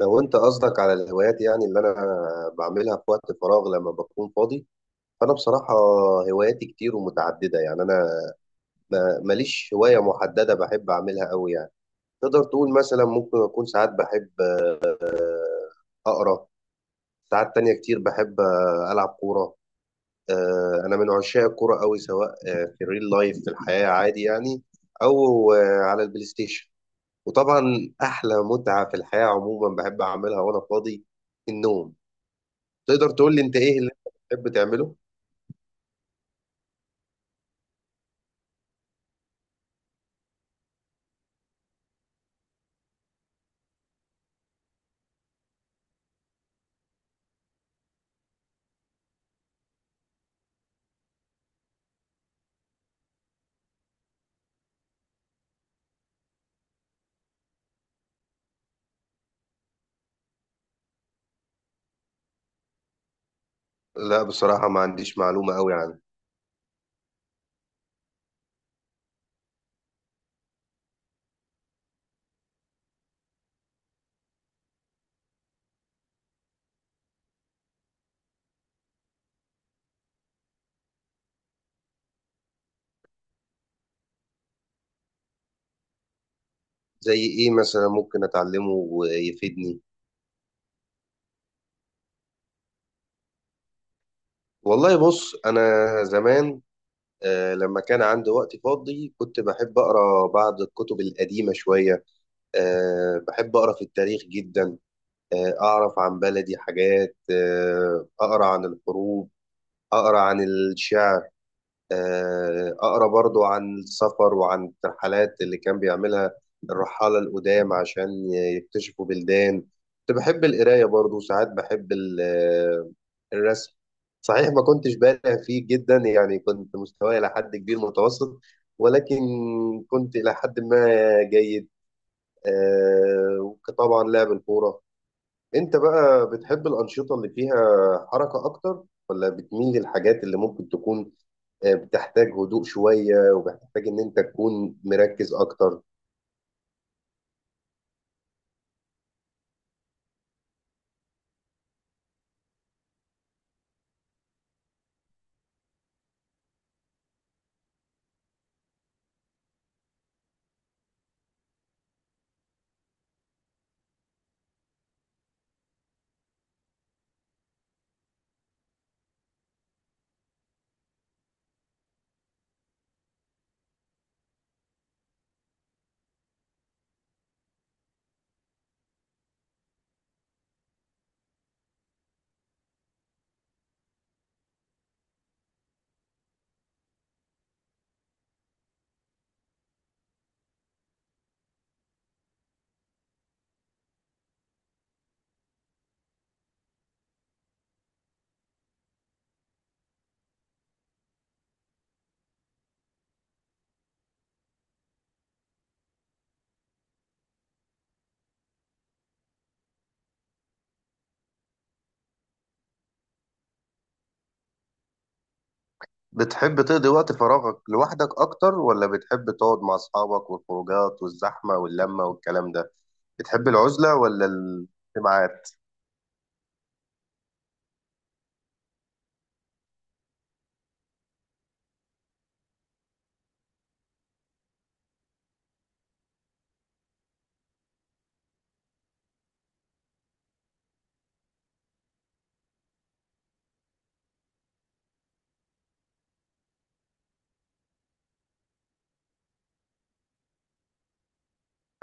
لو انت قصدك على الهوايات، يعني اللي انا بعملها في وقت فراغ لما بكون فاضي، فانا بصراحة هواياتي كتير ومتعددة. يعني انا ماليش هواية محددة بحب اعملها قوي. يعني تقدر تقول مثلا ممكن اكون ساعات بحب اقرا، ساعات تانية كتير بحب العب كورة. انا من عشاق الكورة قوي، سواء في الريل لايف، في الحياة، عادي يعني، او على البلاي ستيشن. وطبعا احلى متعة في الحياة عموما بحب اعملها وانا فاضي، النوم. تقدر تقول لي انت ايه اللي انت بتحب تعمله؟ لا بصراحة ما عنديش معلومة قوي عنه. زي ايه مثلا ممكن اتعلمه ويفيدني؟ والله بص، انا زمان لما كان عندي وقت فاضي كنت بحب اقرا بعض الكتب القديمة شوية. بحب اقرا في التاريخ جدا، اعرف عن بلدي حاجات، اقرا عن الحروب، اقرا عن الشعر، اقرا برضو عن السفر وعن الترحلات اللي كان بيعملها الرحالة القدام عشان يكتشفوا بلدان. كنت بحب القراية برضو، وساعات بحب الرسم. صحيح ما كنتش بالغ فيه جدا، يعني كنت مستواي إلى حد كبير متوسط، ولكن كنت إلى حد ما جيد. آه، وطبعا لعب الكورة. أنت بقى بتحب الأنشطة اللي فيها حركة أكتر، ولا بتميل للحاجات اللي ممكن تكون بتحتاج هدوء شوية وبتحتاج إن أنت تكون مركز أكتر؟ بتحب تقضي وقت فراغك لوحدك أكتر، ولا بتحب تقعد مع أصحابك والخروجات والزحمة واللمة والكلام ده؟ بتحب العزلة ولا الاجتماعات؟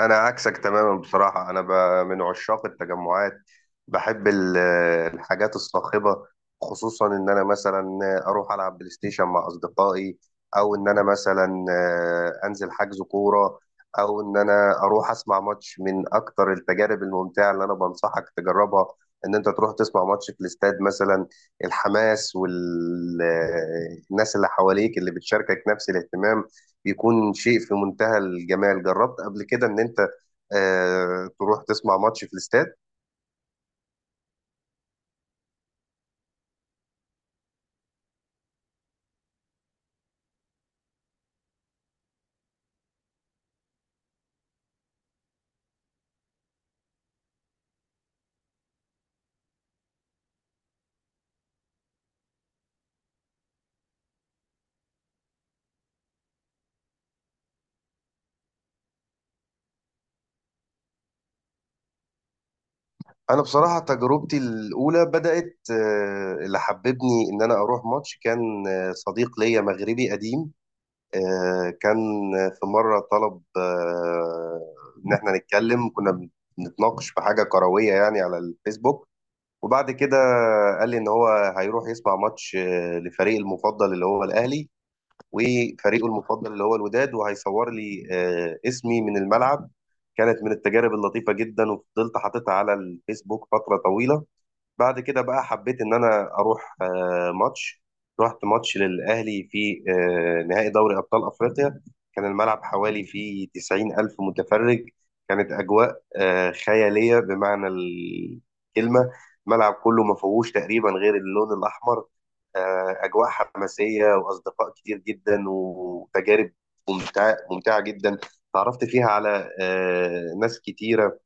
انا عكسك تماما بصراحه. انا من عشاق التجمعات، بحب الحاجات الصاخبه. خصوصا ان انا مثلا اروح العب بلاي ستيشن مع اصدقائي، او ان انا مثلا انزل حجز كوره، او ان انا اروح اسمع ماتش. من اكتر التجارب الممتعه اللي انا بنصحك تجربها ان انت تروح تسمع ماتش في الاستاد مثلا. الحماس والناس اللي حواليك اللي بتشاركك نفس الاهتمام بيكون شيء في منتهى الجمال. جربت قبل كده ان انت تروح تسمع ماتش في الاستاد؟ انا بصراحة تجربتي الاولى بدأت، اللي حببني ان انا اروح ماتش كان صديق ليا مغربي قديم. كان في مرة طلب ان احنا نتكلم. كنا بنتناقش في حاجة كروية يعني على الفيسبوك، وبعد كده قال لي ان هو هيروح يسمع ماتش لفريق المفضل اللي هو الاهلي، وفريقه المفضل اللي هو الوداد، وهيصور لي اسمي من الملعب. كانت من التجارب اللطيفة جدا، وفضلت حاططها على الفيسبوك فترة طويلة. بعد كده بقى حبيت ان انا اروح ماتش. رحت ماتش للاهلي في نهائي دوري ابطال افريقيا. كان الملعب حوالي فيه 90 الف متفرج. كانت اجواء خياليه بمعنى الكلمه. الملعب كله ما فيهوش تقريبا غير اللون الاحمر. اجواء حماسيه واصدقاء كتير جدا وتجارب ممتعه ممتعه جدا. تعرفت فيها على ناس كتيره.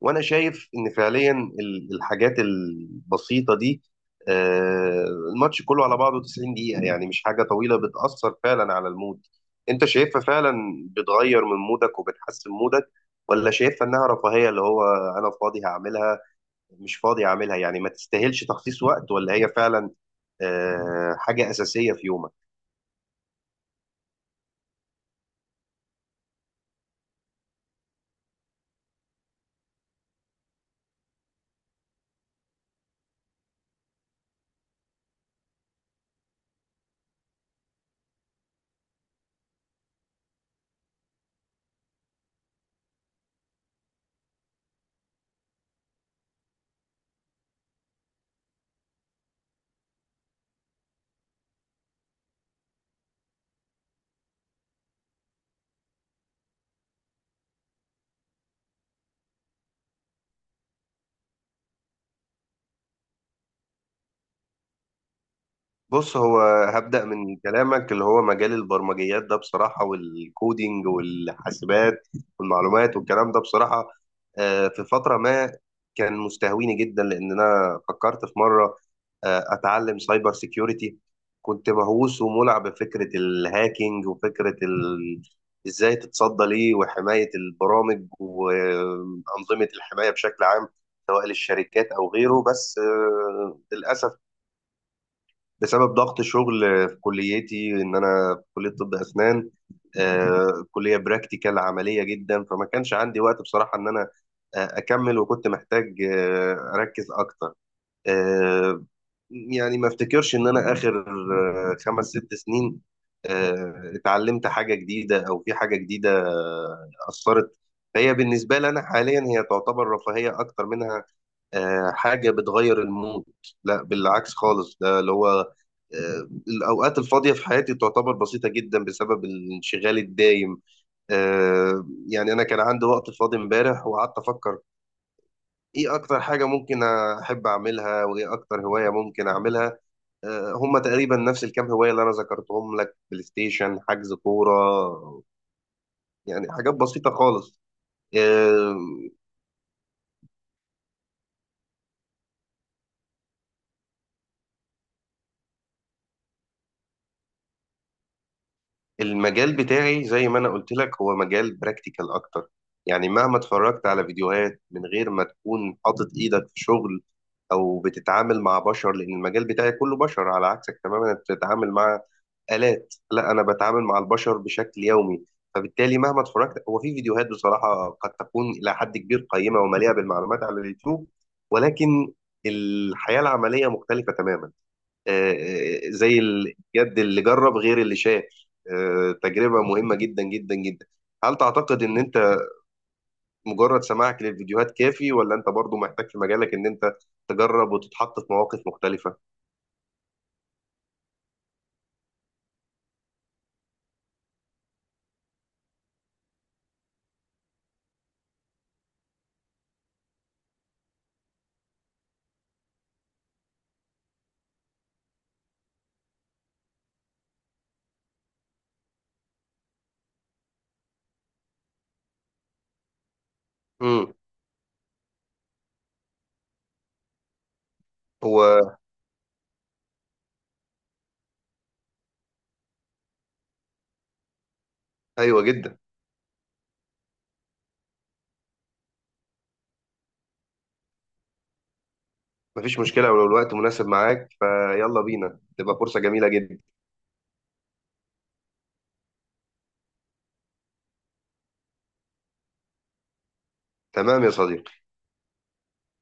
وانا شايف ان فعليا الحاجات البسيطه دي، آه، الماتش كله على بعضه 90 دقيقه، يعني مش حاجه طويله، بتاثر فعلا على المود. انت شايفها فعلا بتغير من مودك وبتحسن مودك، ولا شايفها انها رفاهيه، اللي هو انا فاضي هعملها، مش فاضي هعملها، يعني ما تستاهلش تخصيص وقت، ولا هي فعلا حاجه اساسيه في يومك؟ بص، هو هبدأ من كلامك اللي هو مجال البرمجيات ده بصراحة، والكودينج والحاسبات والمعلومات والكلام ده. بصراحة في فترة ما كان مستهويني جدا، لأن أنا فكرت في مرة أتعلم سايبر سيكيورتي. كنت مهووس ومولع بفكرة الهاكينج، وفكرة إزاي تتصدى ليه، وحماية البرامج وأنظمة الحماية بشكل عام، سواء للشركات أو غيره. بس للأسف بسبب ضغط شغل في كليتي، ان انا في كليه طب اسنان، كليه براكتيكال عمليه جدا، فما كانش عندي وقت بصراحه ان انا اكمل، وكنت محتاج اركز اكتر. آه، يعني ما افتكرش ان انا اخر 5 6 سنين اتعلمت حاجه جديده او في حاجه جديده اثرت. فهي بالنسبه لي انا حاليا هي تعتبر رفاهيه اكتر منها حاجة بتغير المود. لا بالعكس خالص، ده اللي هو الأوقات الفاضية في حياتي تعتبر بسيطة جدا بسبب الانشغال الدايم. يعني أنا كان عندي وقت فاضي امبارح، وقعدت أفكر إيه أكتر حاجة ممكن أحب أعملها، وإيه أكتر هواية ممكن أعملها. هما تقريبا نفس الكام هواية اللي أنا ذكرتهم لك، بلاي ستيشن، حجز كورة، يعني حاجات بسيطة خالص. آه، المجال بتاعي زي ما انا قلت لك هو مجال براكتيكال اكتر. يعني مهما اتفرجت على فيديوهات من غير ما تكون حاطط ايدك في شغل، او بتتعامل مع بشر، لان المجال بتاعي كله بشر. على عكسك تماما، انت بتتعامل مع آلات، لا انا بتعامل مع البشر بشكل يومي. فبالتالي مهما اتفرجت، هو في فيديوهات بصراحة قد تكون الى حد كبير قيمة ومليئة بالمعلومات على اليوتيوب، ولكن الحياة العملية مختلفة تماما. زي الجد اللي جرب غير اللي شاف. تجربة مهمة جدا جدا جدا. هل تعتقد ان انت مجرد سماعك للفيديوهات كافي، ولا انت برضو محتاج في مجالك ان انت تجرب وتتحط في مواقف مختلفة؟ امم، هو، ايوه جدا. مفيش مشكلة، ولو الوقت مناسب معاك فيلا بينا، تبقى فرصة جميلة جدا. تمام يا صديقي.